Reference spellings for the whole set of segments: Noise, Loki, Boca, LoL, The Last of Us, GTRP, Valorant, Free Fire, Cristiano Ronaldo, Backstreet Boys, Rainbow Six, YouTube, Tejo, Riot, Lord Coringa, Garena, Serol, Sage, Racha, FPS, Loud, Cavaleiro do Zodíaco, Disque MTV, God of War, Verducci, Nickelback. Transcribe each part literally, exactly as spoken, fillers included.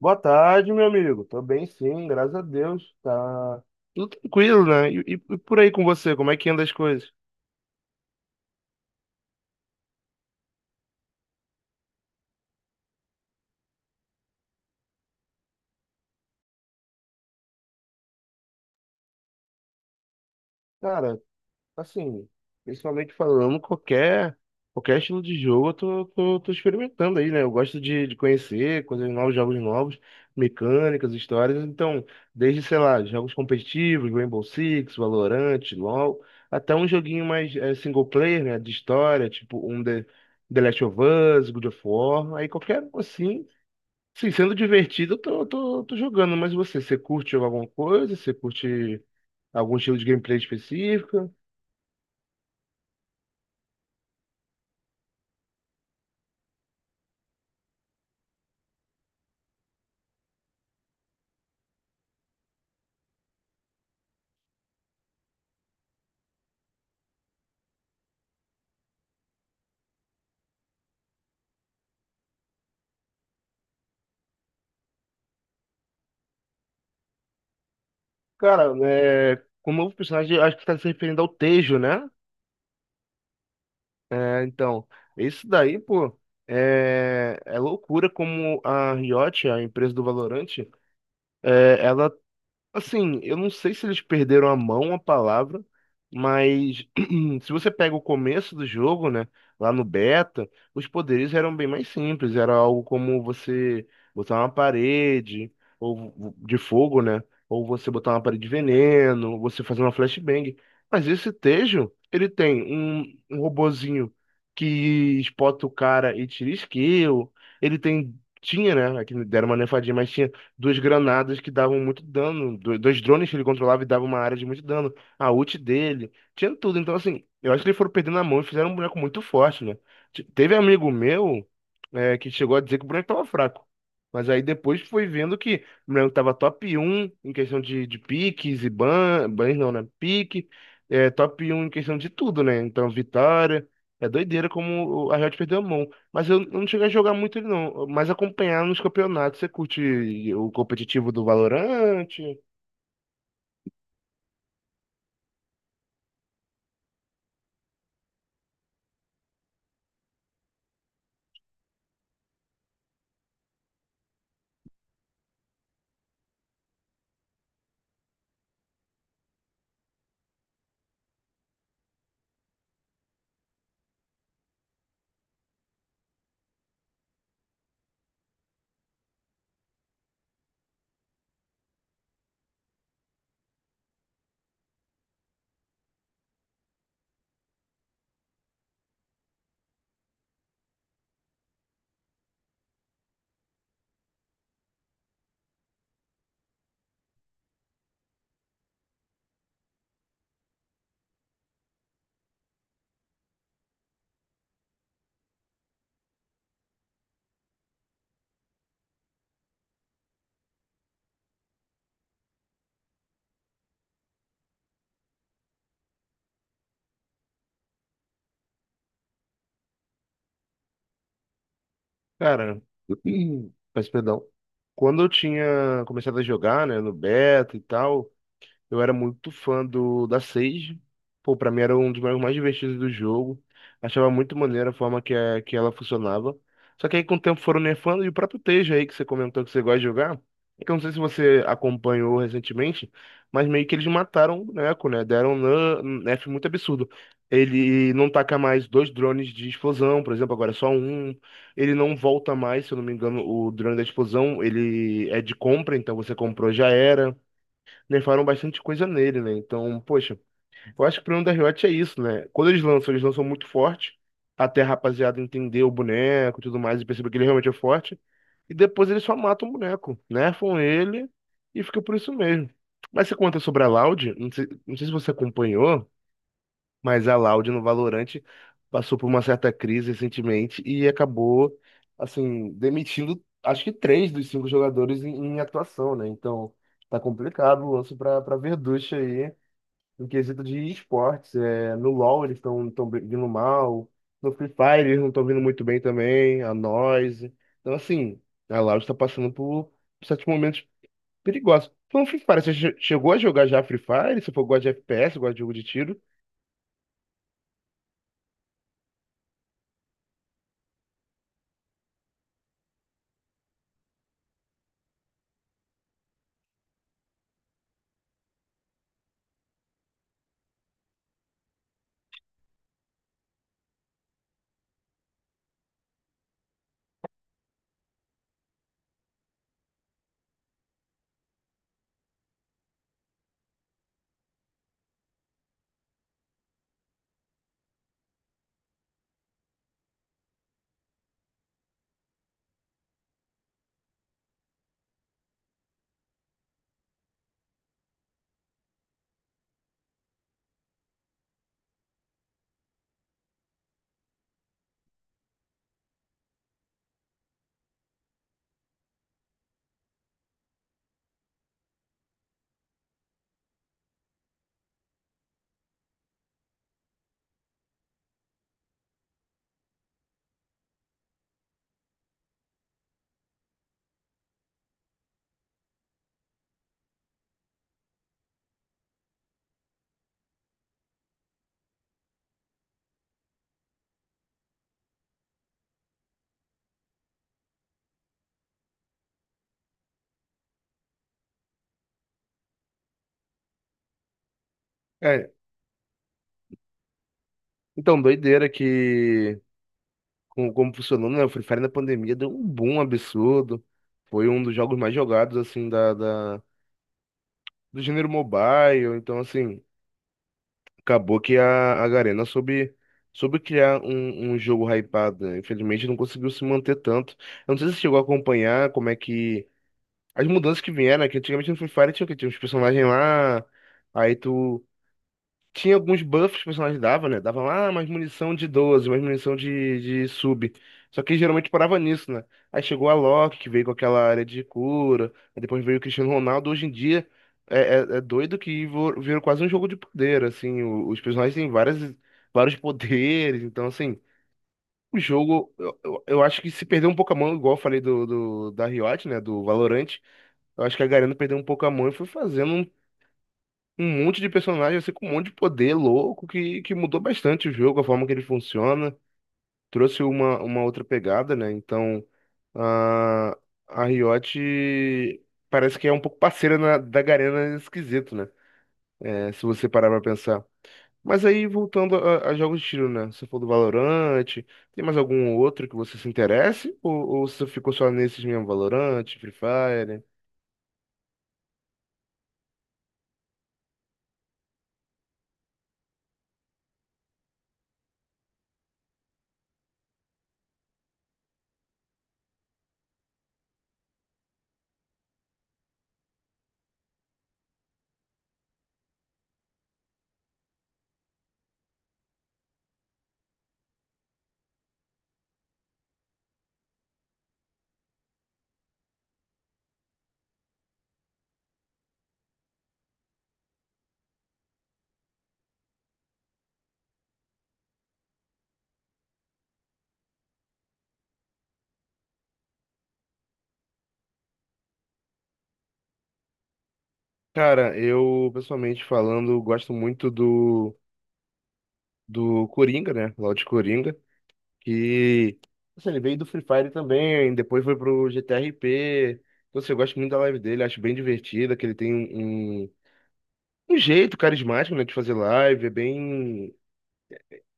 Boa tarde, meu amigo. Tô bem, sim, graças a Deus. Tá tudo tranquilo, né? E, e- e por aí com você, como é que anda as coisas? Cara, assim, principalmente falando qualquer qualquer estilo de jogo, eu tô, tô, tô experimentando aí, né? Eu gosto de, de conhecer coisas novas, jogos novos, mecânicas, histórias. Então, desde, sei lá, jogos competitivos, Rainbow Six, Valorant, LoL, até um joguinho mais eh, single player, né? De história, tipo um The, The Last of Us, God of War, aí qualquer um assim. Sim, sendo divertido, eu tô, tô, tô jogando, mas você, você curte jogar alguma coisa? Você curte algum estilo de gameplay específico? Cara, é, com o novo personagem, acho que tá se referindo ao Tejo, né? É, então, isso daí, pô, é, é loucura como a Riot, a empresa do Valorant. É, ela Assim, eu não sei se eles perderam a mão, a palavra, mas se você pega o começo do jogo, né, lá no beta, os poderes eram bem mais simples, era algo como você botar uma parede ou vo- de fogo, né, ou você botar uma parede de veneno, você fazer uma flashbang. Mas esse Tejo, ele tem um, um robozinho que espota o cara e tira skill, ele tem tinha, né? Aqui deram uma nerfadinha, mas tinha duas granadas que davam muito dano, do- dois drones que ele controlava e davam uma área de muito dano, a ult dele, tinha tudo. Então, assim, eu acho que eles foram perdendo a mão e fizeram um boneco muito forte, né? Te- Teve amigo meu, é, que chegou a dizer que o boneco tava fraco. Mas aí depois foi vendo que o boneco tava top um em questão de, de piques e ban, bans não, né? Pique, é, top um em questão de tudo, né? Então, vitória. É doideira como o- a Riot perdeu a mão. Mas eu eu não cheguei a jogar muito ele não, mas acompanhar nos campeonatos. Você curte o competitivo do Valorant? Cara, peço perdão. Quando eu tinha começado a jogar, né, no beta e tal, eu era muito fã do da Sage. Pô, pra mim era um dos jogos mais divertidos do jogo. Achava muito maneira a forma que, a, que ela funcionava. Só que aí com o tempo foram nerfando e o próprio Tejo aí que você comentou que você gosta de jogar. É que eu não sei se você acompanhou recentemente, mas meio que eles mataram o boneco, né? Deram um nu- um nerf muito absurdo. Ele não taca mais dois drones de explosão, por exemplo, agora é só um. Ele não volta mais, se eu não me engano, o drone da explosão, ele é de compra, então você comprou já era nerfaram bastante coisa nele, né? Então, poxa, eu acho que o problema da Riot é isso, né? Quando eles lançam, eles lançam muito forte, até a rapaziada entender o boneco e tudo mais, e perceber que ele realmente é forte. E depois eles só matam o boneco, nerfam ele e fica por isso mesmo. Mas você conta sobre a Loud, não sei, não sei se você acompanhou, mas a Loud no Valorant passou por uma certa crise recentemente e acabou, assim, demitindo acho que três dos cinco jogadores em, em atuação, né? Então tá complicado o lance para para Verducci aí no quesito de esportes. É, no LoL eles estão estão vindo mal, no Free Fire eles não estão vindo muito bem também, a Noise. Então, assim, a Loud está passando por certos momentos perigosos. Então, Free Fire, você che- chegou a jogar já Free Fire? Você for gosta de F P S, gosta de jogo de tiro? É, Então, doideira que como, como funcionou, né? O Free Fire na pandemia deu um boom absurdo. Foi um dos jogos mais jogados, assim, da, da- do gênero mobile. Então, assim, acabou que a, a Garena soube, soube criar um, um jogo hypado, né? Infelizmente, não conseguiu se manter tanto. Eu não sei se você chegou a acompanhar como é que... As mudanças que vieram, né? Que antigamente no Free Fire tinha o quê? Tinha uns personagens lá, aí tu... Tinha alguns buffs que o personagem dava, né? Dava ah, mais munição de doze, mais munição de, de sub. Só que geralmente parava nisso, né? Aí chegou a Loki, que veio com aquela área de cura. Aí depois veio o Cristiano Ronaldo. Hoje em dia é, é, é doido que vo- virou quase um jogo de poder, assim. o- Os personagens têm várias, vários poderes. Então, assim, o jogo, eu, eu, eu acho que se perdeu um pouco a mão, igual eu falei do, do, da Riot, né? Do Valorant. Eu acho que a Garena perdeu um pouco a mão e foi fazendo um um monte de personagem, assim, com um monte de poder louco que, que mudou bastante o jogo, a forma que ele funciona, trouxe uma, uma outra pegada, né? Então, a, a Riot parece que é um pouco parceira na- da Garena nesse quesito, né? É, se você parar pra pensar. Mas aí, voltando a, a jogos de tiro, né? Você falou do Valorante, tem mais algum outro que você se interesse? Ou, ou você ficou só nesses mesmo, Valorante, Free Fire? Cara, eu, pessoalmente falando, gosto muito do do Coringa, né? Lord Coringa, que assim, ele veio do Free Fire também, depois foi pro G T R P. Então, assim, eu gosto muito da live dele, acho bem divertida, que ele tem um, um um jeito carismático, né, de fazer live, é bem,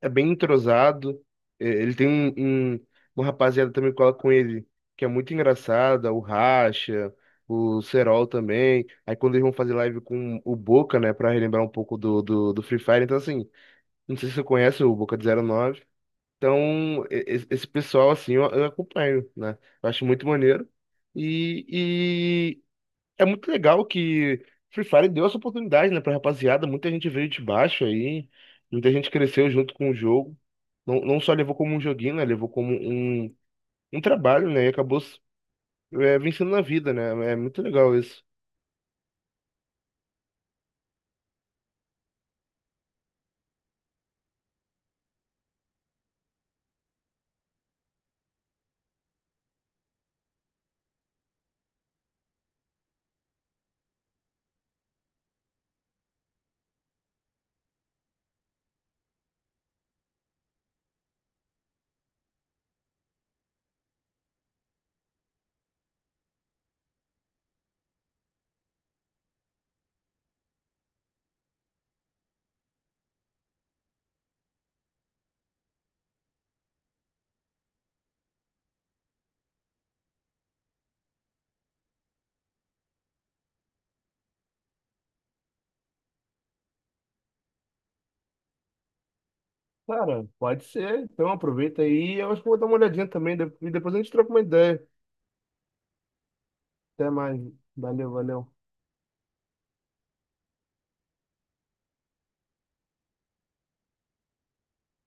é bem entrosado. É, Ele tem um, um, uma rapaziada também que cola com ele, que é muito engraçada, o Racha, o Serol também. Aí quando eles vão fazer live com o Boca, né, pra relembrar um pouco do, do, do Free Fire, então assim, não sei se você conhece o Boca de zero nove. Então, e- e- esse pessoal, assim, eu, eu acompanho, né? Eu acho muito maneiro. E, e é muito legal que Free Fire deu essa oportunidade, né, pra rapaziada. Muita gente veio de baixo aí, muita gente cresceu junto com o jogo. Não, não só levou como um joguinho, né? Levou como um, um trabalho, né? E acabou, é, vencendo na vida, né? É muito legal isso. Cara, pode ser. Então aproveita aí. Eu acho que vou dar uma olhadinha também. de- E depois a gente troca uma ideia. Até mais. Valeu, valeu.